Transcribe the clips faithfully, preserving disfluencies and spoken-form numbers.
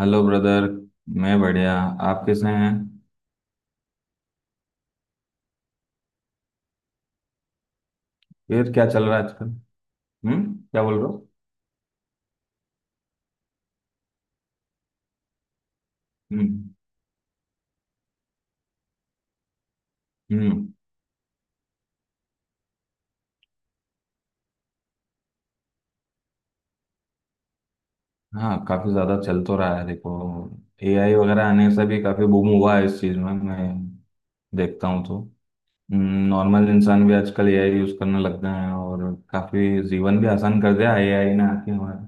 Hello brother. मैं बढ़िया। आप कैसे हैं? फिर क्या चल रहा है आजकल? हम्म। क्या बोल रहे हो? हम्म। हम्म। हाँ, काफी ज्यादा चल तो रहा है देखो। ए आई वगैरह आने से भी काफी बूम हुआ है इस चीज में। मैं देखता हूँ तो नॉर्मल इंसान भी आजकल ए आई यूज करने लग गए हैं, और काफी जीवन भी आसान कर दिया ए आई ने आके हमारा।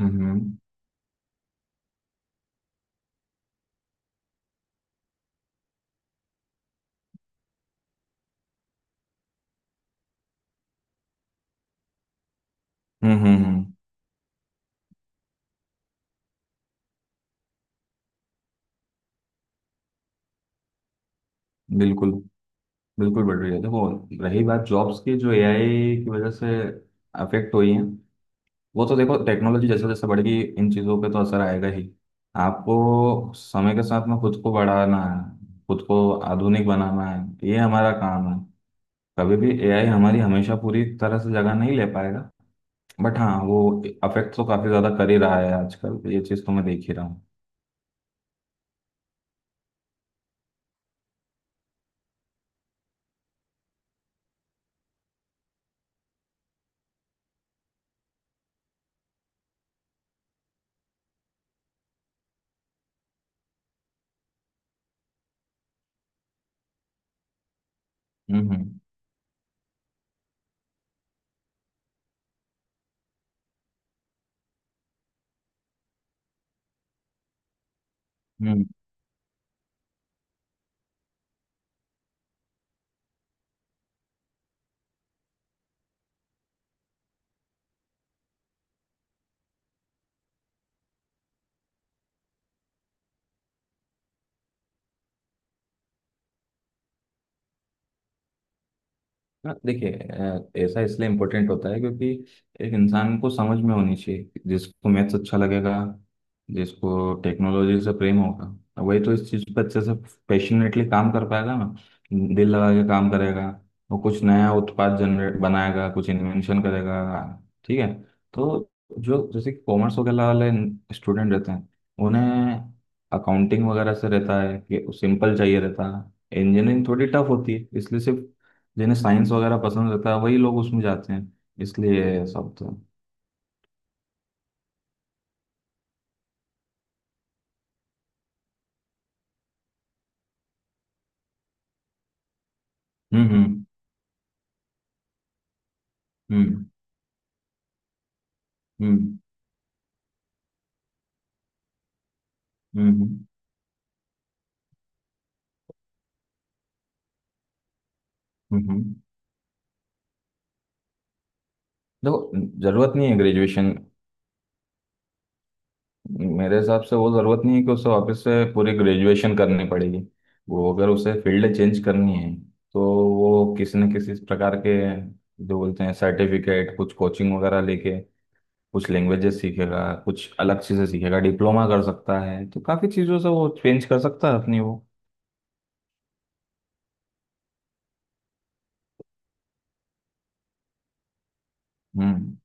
हम्म। हम्म। हम्म। हम्म, हम्म। बिल्कुल। बिल्कुल बढ़ रही है देखो। रही बात जॉब्स की, जो ए आई की वजह से अफेक्ट हुई है, वो तो देखो टेक्नोलॉजी जैसे जैसे बढ़ेगी इन चीज़ों पे तो असर आएगा ही। आपको समय के साथ में खुद को बढ़ाना है, खुद को आधुनिक बनाना है, ये हमारा काम है। कभी भी ए आई हमारी हमेशा पूरी तरह से जगह नहीं ले पाएगा। बट हाँ, वो अफेक्ट तो काफ़ी ज़्यादा कर ही रहा है आजकल, ये चीज़ तो मैं देख ही रहा हूँ। हम्म। हम्म। हम्म। हाँ देखिए, अ, ऐसा इसलिए इम्पोर्टेंट होता है क्योंकि एक इंसान को समझ में होनी चाहिए। जिसको मैथ्स अच्छा लगेगा, जिसको टेक्नोलॉजी से प्रेम होगा, वही तो इस चीज़ पर अच्छे से पैशनेटली काम कर पाएगा ना। दिल लगा के काम करेगा, वो कुछ नया उत्पाद जनरेट बनाएगा, कुछ इन्वेंशन करेगा। ठीक है। तो जो जैसे कॉमर्स वगैरह वाले स्टूडेंट रहते हैं, उन्हें अकाउंटिंग वगैरह से रहता है कि सिंपल चाहिए, रहता है इंजीनियरिंग थोड़ी टफ होती है, इसलिए सिर्फ जिन्हें साइंस वगैरह पसंद रहता है वही लोग उसमें जाते हैं, इसलिए सब तो। हम्म। हम्म। हम्म। हम्म। हम्म। हम्म, हम्म। हम्म। देखो, जरूरत नहीं है ग्रेजुएशन। मेरे हिसाब से वो जरूरत नहीं है कि उसे वापस से पूरी ग्रेजुएशन करनी पड़ेगी। वो अगर उसे फील्ड चेंज करनी है तो वो किसी न किसी प्रकार के, जो बोलते हैं सर्टिफिकेट, कुछ कोचिंग वगैरह लेके कुछ लैंग्वेजेस सीखेगा, कुछ अलग चीजें सीखेगा, डिप्लोमा कर सकता है, तो काफी चीजों से वो चेंज कर सकता है अपनी वो। हम्म।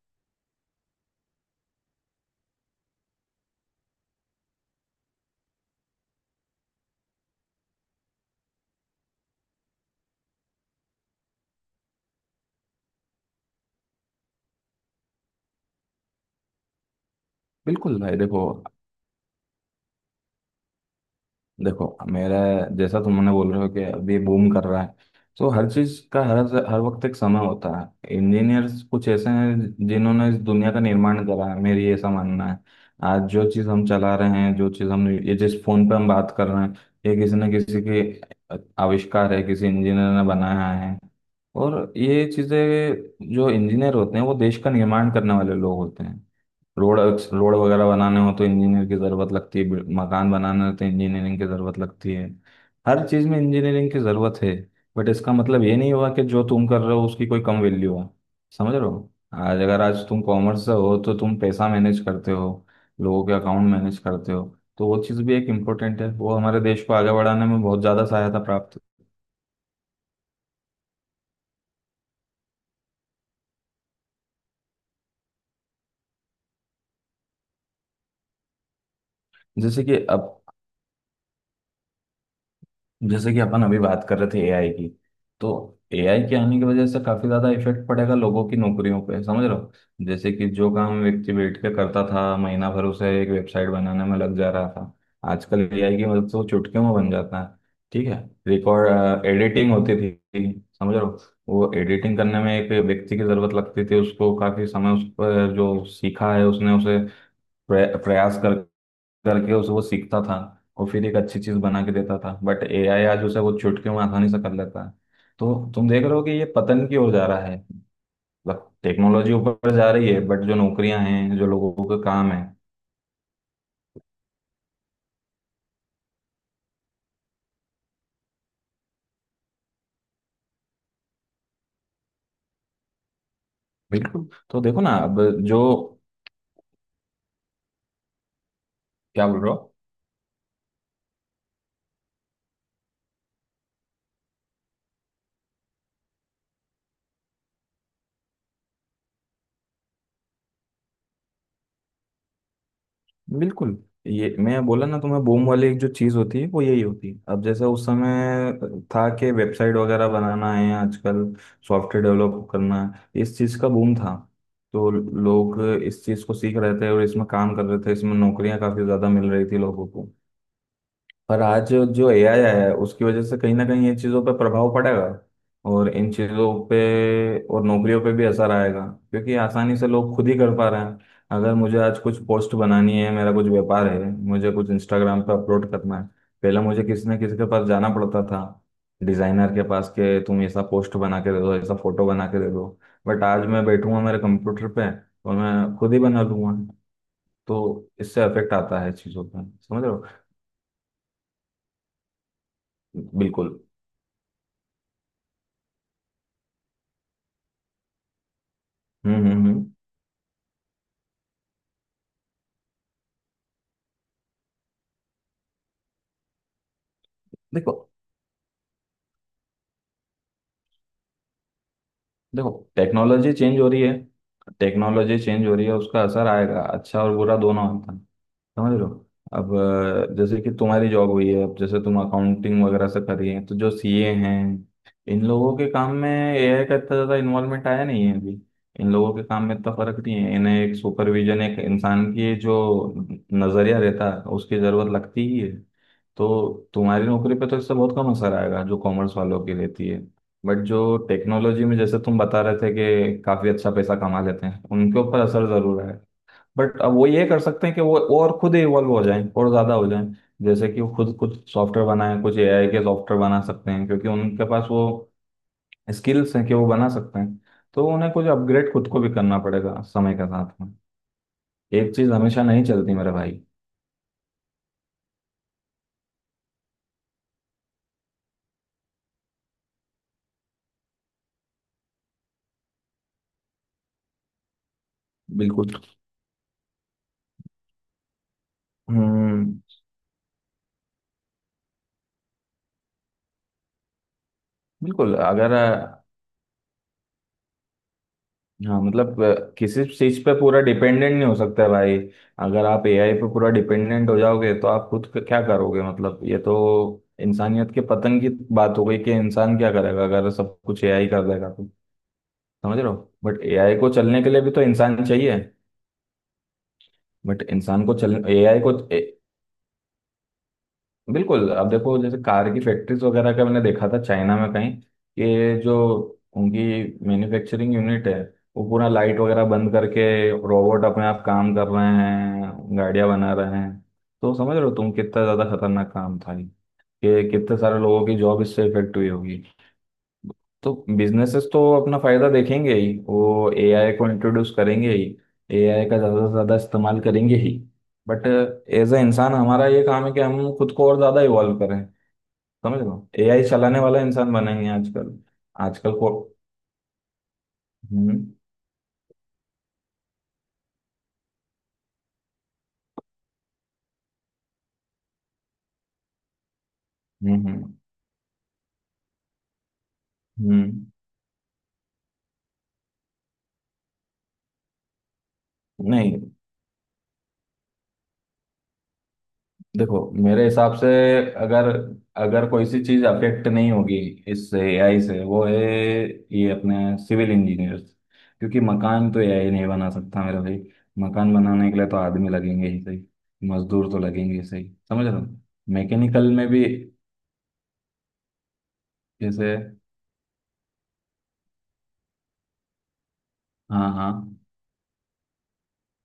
बिल्कुल भाई। देखो देखो, मेरा जैसा तुमने बोल रहे हो कि अभी बूम कर रहा है, तो हर चीज का, हर हर वक्त एक समय होता है। इंजीनियर्स कुछ ऐसे हैं जिन्होंने इस दुनिया का निर्माण करा है, मेरी ऐसा मानना है। आज जो चीज हम चला रहे हैं, जो चीज हम ये जिस फोन पे हम बात कर रहे हैं, ये किसी न किसी के आविष्कार है, किसी इंजीनियर ने बनाया है। और ये चीजें, जो इंजीनियर होते हैं वो देश का निर्माण करने वाले लोग होते हैं। रोड रोड वगैरह बनाने हो तो इंजीनियर की ज़रूरत लगती है, बिल- मकान बनाने हो तो इंजीनियरिंग की ज़रूरत लगती है। हर चीज़ में इंजीनियरिंग की ज़रूरत है। बट इसका मतलब ये नहीं हुआ कि जो तुम कर रहे हो उसकी कोई कम वैल्यू हो। समझ रहे हो, आज अगर आज तुम कॉमर्स से हो तो तुम पैसा मैनेज करते हो, लोगों के अकाउंट मैनेज करते हो। तो वो चीज़ भी एक इम्पोर्टेंट है, वो हमारे देश को आगे बढ़ाने में बहुत ज़्यादा सहायता प्राप्त है। जैसे कि अब जैसे कि अपन अभी बात कर रहे थे ए आई की। तो ए आई के आने की वजह से काफी ज्यादा इफेक्ट पड़ेगा लोगों की नौकरियों पे, समझ रहे हो। जैसे कि जो काम व्यक्ति बैठ के करता था, महीना भर उसे एक वेबसाइट बनाने में लग जा रहा था, आजकल एआई की मदद से वो चुटकियों में बन जाता है। ठीक है। रिकॉर्ड एडिटिंग होती थी, समझ रहे हो, वो एडिटिंग करने में एक व्यक्ति की जरूरत लगती थी, उसको काफी समय उस पर जो सीखा है उसने, उसे प्रया- प्रयास कर करके उसे वो सीखता था। और फिर एक अच्छी चीज बना के देता था, बट ए आई आज उसे वो चुटकी में आसानी से कर लेता है। तो तुम देख रहे हो कि ये पतन की ओर जा रहा है। मतलब टेक्नोलॉजी ऊपर जा रही है, बट जो नौकरियां हैं जो लोगों के काम है। बिल्कुल। तो देखो ना, अब जो क्या बोल रहे हो? बिल्कुल। ये मैं बोला ना तुम्हें, बूम वाली एक जो चीज होती है वो यही होती है। अब जैसे उस समय था कि वेबसाइट वगैरह बनाना है, आजकल सॉफ्टवेयर डेवलप करना है, इस चीज का बूम था। तो लोग इस चीज को सीख रहे थे और इसमें काम कर रहे थे, इसमें नौकरियां काफी ज्यादा मिल रही थी लोगों को। पर आज जो ए आई आया है, उसकी वजह से कहीं ना कहीं इन चीज़ों पर प्रभाव पड़ेगा, और इन चीज़ों पे और नौकरियों पे भी असर आएगा, क्योंकि आसानी से लोग खुद ही कर पा रहे हैं। अगर मुझे आज कुछ पोस्ट बनानी है, मेरा कुछ व्यापार है, मुझे कुछ इंस्टाग्राम पे अपलोड करना है, पहले मुझे किसी न किसी के पास जाना पड़ता था, डिज़ाइनर के पास के तुम ऐसा पोस्ट बना के दे दो, ऐसा फोटो बना के दे दो। बट आज मैं बैठूंगा मेरे कंप्यूटर पे और मैं खुद ही बना लूंगा। तो इससे अफेक्ट आता है चीज़ों पर, समझ रहे हो। बिल्कुल। हम्म। हम्म। हम्म। देखो देखो, टेक्नोलॉजी चेंज हो रही है। टेक्नोलॉजी चेंज हो रही है, उसका असर आएगा, अच्छा और बुरा दोनों आता है, समझ रहे हो। अब अ, जैसे कि तुम्हारी जॉब हुई है, अब जैसे तुम अकाउंटिंग वगैरह से कर रही हैं, तो जो सी ए हैं, इन लोगों के काम में ए आई का इतना ज़्यादा इन्वॉल्वमेंट आया नहीं है अभी। इन लोगों के काम में इतना फर्क नहीं है, इन्हें एक सुपरविजन, एक इंसान की जो नज़रिया रहता है उसकी ज़रूरत लगती ही है। तो तुम्हारी नौकरी पे तो इससे बहुत कम असर आएगा, जो कॉमर्स वालों की रहती है। बट जो टेक्नोलॉजी में, जैसे तुम बता रहे थे कि काफ़ी अच्छा पैसा कमा लेते हैं, उनके ऊपर असर ज़रूर है। बट अब वो ये कर सकते हैं कि वो और खुद इवॉल्व हो जाएं, और ज्यादा हो जाएं। जैसे कि वो खुद कुछ सॉफ्टवेयर बनाएं, कुछ ए आई के सॉफ्टवेयर बना सकते हैं, क्योंकि उनके पास वो स्किल्स हैं कि वो बना सकते हैं। तो उन्हें कुछ अपग्रेड खुद को भी करना पड़ेगा समय के साथ में। एक चीज हमेशा नहीं चलती मेरे भाई। बिल्कुल। हम्म। बिल्कुल। अगर हाँ मतलब, अ, किसी चीज पे पूरा डिपेंडेंट नहीं हो सकता है भाई। अगर आप ए आई पे पूरा डिपेंडेंट हो जाओगे, तो आप खुद क- क्या करोगे? मतलब ये तो इंसानियत के पतन की बात हो गई, कि इंसान क्या करेगा अगर सब कुछ ए आई कर देगा तो। समझ रहे हो, बट ए आई को चलने के लिए भी तो इंसान चाहिए। बट इंसान को चल ए आई को। बिल्कुल। अब देखो, जैसे कार की फैक्ट्रीज वगैरह का मैंने देखा था चाइना में कहीं, कि जो उनकी मैन्युफैक्चरिंग यूनिट है, वो पूरा लाइट वगैरह बंद करके रोबोट अपने आप काम कर रहे हैं, गाड़ियां बना रहे हैं। तो समझ रहे हो तुम, कितना ज्यादा खतरनाक काम था ये, कि कितने सारे लोगों की जॉब इससे इफेक्ट हुई होगी। तो बिजनेसेस तो अपना फायदा देखेंगे ही, वो ए आई को इंट्रोड्यूस करेंगे ही, ए आई का ज्यादा से ज्यादा इस्तेमाल करेंगे ही। बट एज अ इंसान हमारा ये काम है कि हम खुद को और ज्यादा इवॉल्व करें। समझ लो, ए आई चलाने वाला इंसान बनेंगे आजकल। आजकल को। हम्म। हम्म। हम्म। हम्म। नहीं, देखो मेरे हिसाब से, अगर अगर कोई सी चीज अफेक्ट नहीं होगी इससे, ए आई से, वो है ये अपने सिविल इंजीनियर्स। क्योंकि मकान तो ए आई नहीं बना सकता मेरा भाई, मकान बनाने के लिए तो आदमी लगेंगे ही सही। मजदूर तो लगेंगे ही सही, समझ रहे हो। मैकेनिकल में भी जैसे। हाँ, हाँ।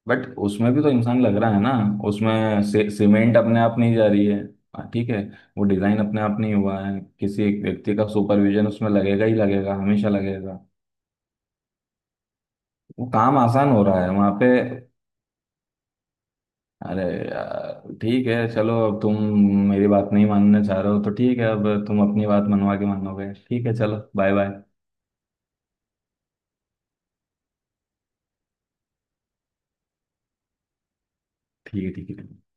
बट उसमें भी तो इंसान लग रहा है ना, उसमें से सीमेंट अपने आप नहीं जा रही है। हाँ, ठीक है। वो डिजाइन अपने आप नहीं हुआ है, किसी एक व्यक्ति का सुपरविजन उसमें लगेगा ही लगेगा, हमेशा लगेगा। वो काम आसान हो रहा है वहां पे। अरे यार ठीक है, चलो अब तुम मेरी बात नहीं मानना चाह रहे हो तो ठीक है, अब तुम अपनी बात मनवा के मानोगे, ठीक है, चलो बाय बाय। ठीक है, ठीक है।